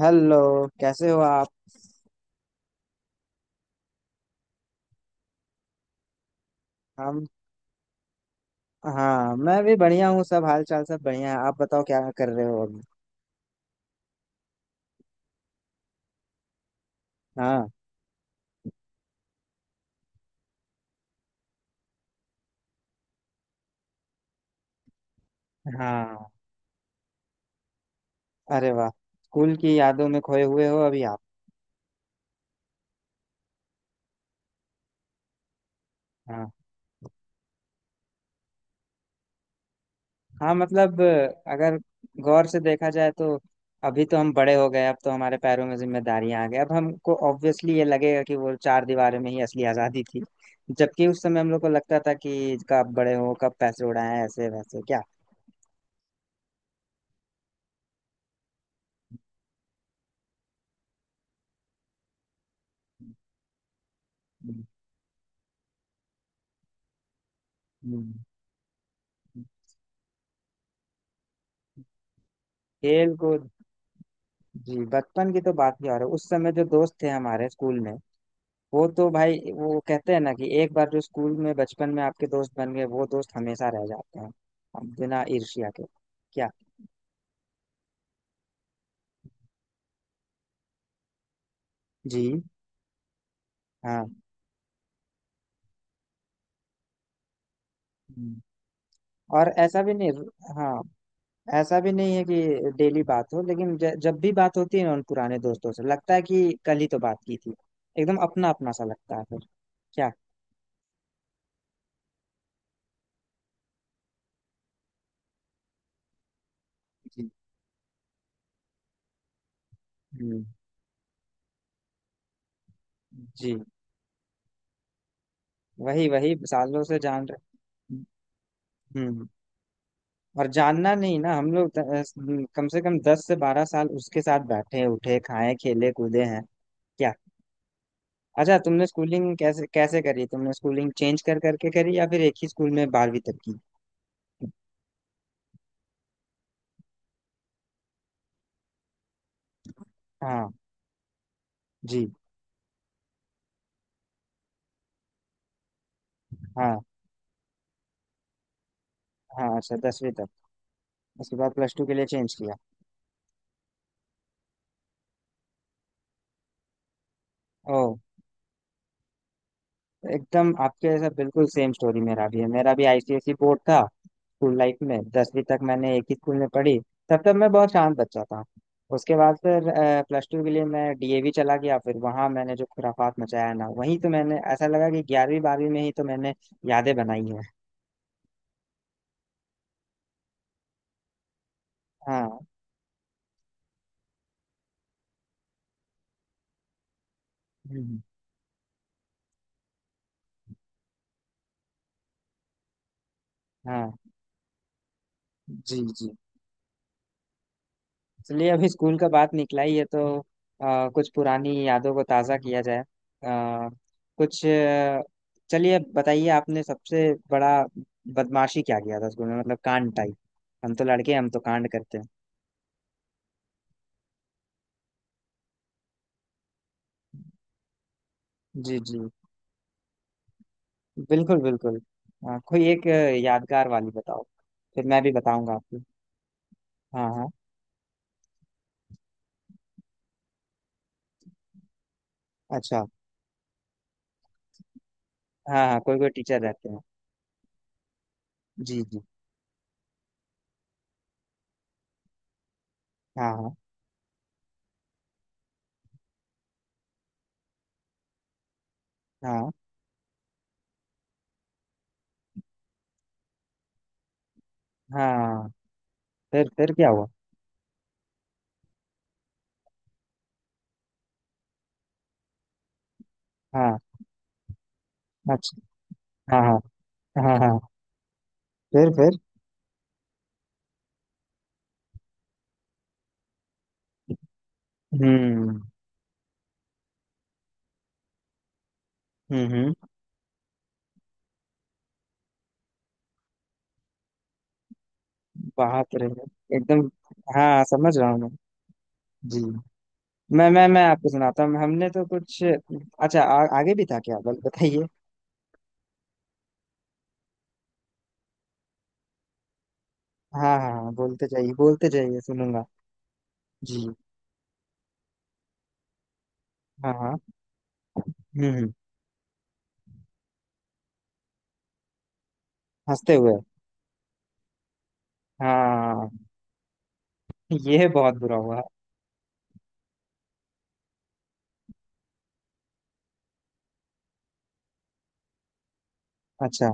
Hello. कैसे हो आप। हम हाँ, मैं भी बढ़िया हूँ। सब हाल चाल सब बढ़िया है। आप बताओ क्या कर रहे हो अभी। हाँ। हाँ। अरे वाह। स्कूल की यादों में खोए हुए हो अभी आप। हाँ। हाँ मतलब। अगर गौर से देखा जाए तो अभी तो हम बड़े हो गए। अब तो हमारे पैरों में जिम्मेदारियां आ गई। अब हमको ऑब्वियसली ये लगेगा कि वो चार दीवारों में ही असली आजादी थी। जबकि उस समय हम लोग को लगता था कि कब बड़े हो, कब पैसे उड़ाएं, ऐसे वैसे क्या। हम्म, हम्म। हम्म। खेल कूद। जी, बचपन की तो बात ही और है। उस समय जो दोस्त थे हमारे स्कूल में, वो तो भाई, वो कहते हैं ना कि एक बार जो स्कूल में बचपन में आपके दोस्त बन गए, वो दोस्त हमेशा रह जाते हैं। अब बिना ईर्ष्या के, क्या। जी। हाँ। हम्म। और ऐसा भी नहीं। हाँ, ऐसा भी नहीं है कि डेली बात हो, लेकिन जब भी बात होती है ना उन पुराने दोस्तों से, लगता है कि कल ही तो बात की थी। एकदम अपना अपना सा लगता है फिर, क्या। जी। हम्म, जी। वही वही सालों से जान रहे। हम्म। और जानना नहीं ना, हम लोग कम से कम 10 से 12 साल उसके साथ बैठे उठे खाए खेले कूदे हैं। क्या। अच्छा, तुमने स्कूलिंग कैसे कैसे करी? तुमने स्कूलिंग चेंज कर करके करी या फिर एक ही स्कूल में 12वीं तक की? हाँ। जी। हाँ हाँ, अच्छा 10वीं तक। उसके बाद प्लस टू के लिए चेंज किया? ओह। एकदम आपके जैसा बिल्कुल सेम स्टोरी मेरा भी है। मेरा भी आईसीएसई बोर्ड था। स्कूल लाइफ में 10वीं तक मैंने एक ही स्कूल में पढ़ी। तब तक मैं बहुत शांत बच्चा था। उसके बाद फिर प्लस टू के लिए मैं डीएवी चला गया। फिर वहां मैंने जो खुराफात मचाया ना, वहीं तो मैंने, ऐसा लगा कि 11वीं 12वीं में ही तो मैंने यादें बनाई है। हाँ। हम्म, हाँ। जी जी। इसलिए अभी स्कूल का बात निकला ही है, तो कुछ पुरानी यादों को ताज़ा किया जाए। अ, कुछ चलिए बताइए, आपने सबसे बड़ा बदमाशी क्या किया था स्कूल में, मतलब कांड टाइप। हम तो लड़के हैं, हम तो कांड करते हैं। जी जी। बिल्कुल बिल्कुल। हाँ, कोई एक यादगार वाली बताओ। फिर मैं भी बताऊंगा आपको। हाँ हाँ। अच्छा। हाँ हाँ, कोई कोई टीचर रहते हैं। जी जी। हाँ हाँ हाँ। हाँ, फिर क्या हुआ? हाँ, अच्छा। हाँ हाँ हाँ। हाँ, फिर फिर। हम्म। हम्म। बाप रे। एकदम। हाँ हाँ, समझ रहा हूँ मैं। जी। मैं आपको सुनाता हूँ, हमने तो कुछ अच्छा आगे भी था, क्या बताइए। हाँ हाँ हाँ, बोलते जाइए बोलते जाइए, सुनूंगा। जी। हाँ हाँ। हम्म। हम्म। हंसते हुए, हाँ। ये बहुत बुरा हुआ। अच्छा।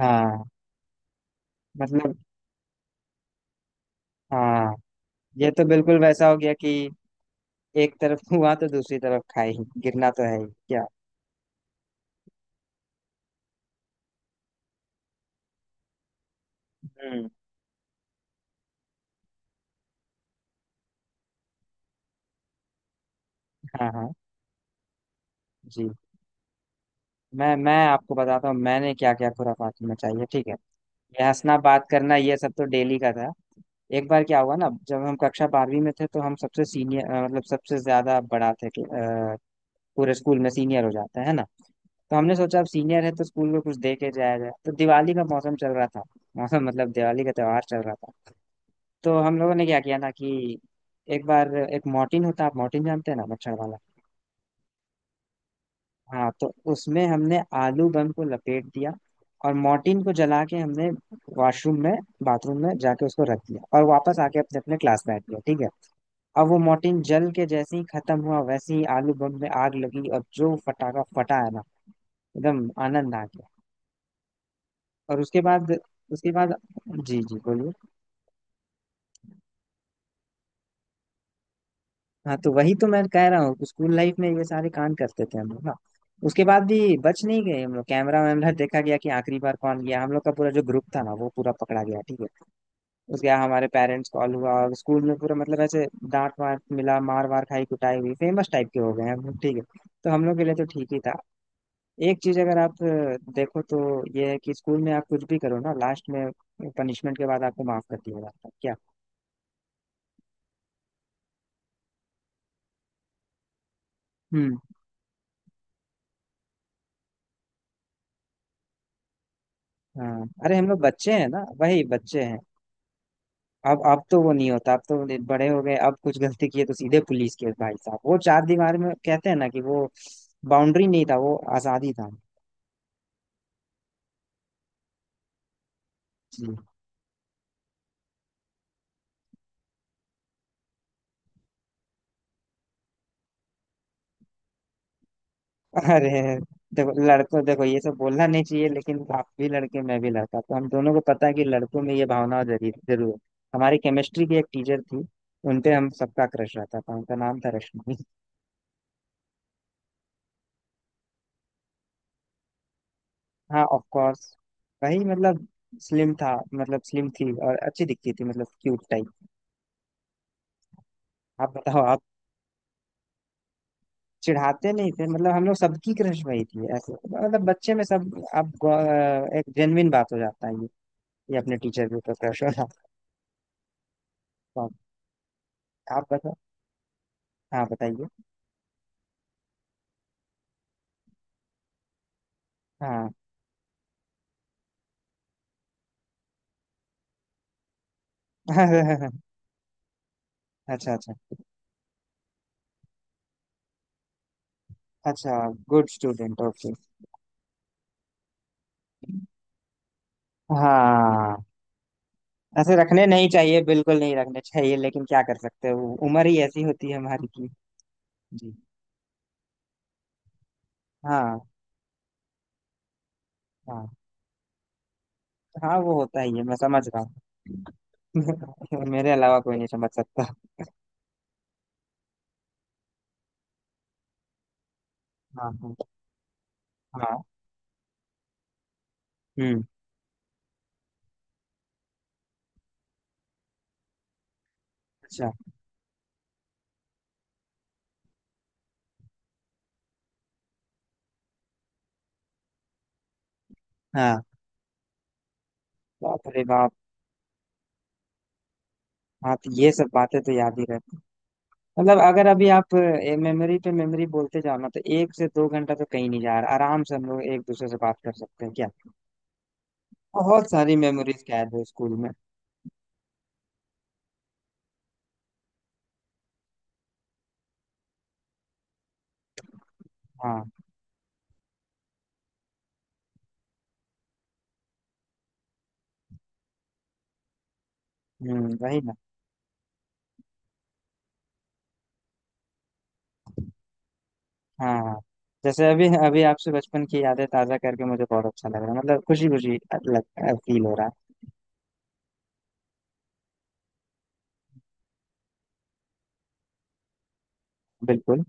हाँ मतलब। हाँ, ये तो बिल्कुल वैसा हो गया कि एक तरफ हुआ तो दूसरी तरफ खाई। गिरना तो है ही, क्या। हम्म। हाँ हाँ। जी। मैं आपको बताता हूँ मैंने क्या क्या खुराफात मचाई है, ठीक है। ये हंसना बात करना ये सब तो डेली का था। एक बार क्या हुआ ना, जब हम कक्षा 12वीं में थे तो हम सबसे सीनियर, मतलब सबसे ज्यादा बड़ा थे कि, पूरे स्कूल में सीनियर हो जाते हैं ना। तो हमने सोचा अब सीनियर है तो स्कूल में कुछ दे के जाया जाए, तो दिवाली का मौसम चल रहा था। मौसम मतलब दिवाली का त्योहार चल रहा था। तो हम लोगों ने क्या किया ना कि एक बार, एक मॉर्टिन होता है, आप मॉर्टिन जानते हैं ना, मच्छर वाला। हाँ, तो उसमें हमने आलू बम को लपेट दिया और मॉर्टिन को जला के हमने, वॉशरूम में, बाथरूम में जाके उसको रख दिया और वापस आके अपने अपने क्लास बैठ गया, ठीक है। अब वो मॉर्टिन जल के जैसे ही खत्म हुआ वैसे ही आलू बम में आग लगी और जो फटाका फटा है ना, एकदम आनंद आ गया। और उसके बाद, उसके बाद। जी जी, बोलिए। हाँ तो वही तो मैं कह रहा हूँ, स्कूल लाइफ में ये सारे कांड करते थे हम लोग ना। उसके बाद भी बच नहीं गए हम लोग, कैमरा वैमरा देखा गया कि आखिरी बार कौन गया, हम लोग का पूरा जो ग्रुप था ना वो पूरा पकड़ा गया, ठीक है। उसके बाद हमारे पेरेंट्स कॉल हुआ और स्कूल में पूरा, मतलब ऐसे डांट वाट मिला, मार वार खाई, कुटाई हुई, फेमस टाइप के हो गए हम लोग, ठीक है। तो हम लोग के लिए तो ठीक ही था। एक चीज, अगर आप देखो तो, ये है कि स्कूल में आप कुछ भी करो ना, लास्ट में पनिशमेंट के बाद आपको माफ कर दिया जाता है, क्या। हम्म। हाँ, अरे हम लोग बच्चे हैं ना, वही बच्चे हैं। अब तो वो नहीं होता, अब तो बड़े हो गए, अब कुछ गलती किए तो सीधे पुलिस केस भाई साहब, वो चार दीवार में कहते हैं ना कि वो बाउंड्री नहीं था, वो आजादी था। जी। अरे देखो लड़कों, देखो, ये सब बोलना नहीं चाहिए, लेकिन आप भी लड़के, मैं भी लड़का, तो हम दोनों को पता है कि लड़कों में ये भावना जरूर जरूर है। हमारी केमिस्ट्री की एक टीचर थी, उनपे हम सबका क्रश रहता था, उनका नाम था रश्मि। हाँ, ऑफ कोर्स। वही मतलब, स्लिम था, मतलब स्लिम थी और अच्छी दिखती थी, मतलब क्यूट टाइप। आप बताओ आप। चिढ़ाते नहीं थे, मतलब हम लोग सबकी क्रश वही थी, ऐसे मतलब बच्चे में सब आप एक जेन्युइन बात हो जाता है ये अपने टीचर के ऊपर क्रश होना। तो आप बताओ। हाँ, बताइए। हाँ। अच्छा अच्छा। अच्छा, गुड स्टूडेंट, ओके। हाँ, ऐसे रखने नहीं चाहिए, बिल्कुल नहीं रखने चाहिए, लेकिन क्या कर सकते हो, उम्र ही ऐसी होती है हमारी की। जी। हाँ। हाँ हाँ, वो होता ही है, मैं समझ रहा हूँ। मेरे अलावा कोई नहीं समझ सकता। हाँ हाँ हाँ। हम्म। अच्छा। हाँ। बाप रे बाप। हाँ, तो ये सब बातें तो याद ही रहती। मतलब अगर अभी आप मेमोरी पे मेमोरी बोलते जाओ ना, तो 1 से 2 घंटा तो कहीं नहीं जा रहा, आराम से हम लोग एक दूसरे से बात कर सकते हैं, क्या। बहुत सारी मेमोरीज कैद है स्कूल में। हाँ। हम्म, वही ना। हाँ हाँ। जैसे अभी अभी आपसे बचपन की यादें ताजा करके मुझे बहुत अच्छा लग रहा है, मतलब खुशी खुशी लग, फील हो रहा है। बिल्कुल।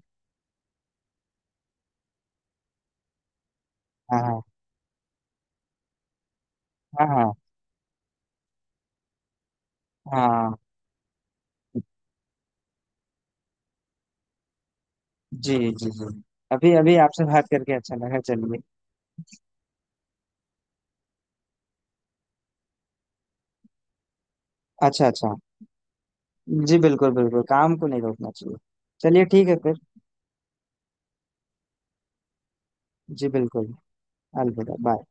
हाँ। हाँ हाँ हाँ। जी जी जी, अभी अभी आपसे बात करके अच्छा लगा, चलिए। अच्छा अच्छा। जी बिल्कुल, बिल्कुल काम को नहीं रोकना चाहिए। चलिए ठीक है फिर। जी बिल्कुल। अलविदा, बाय।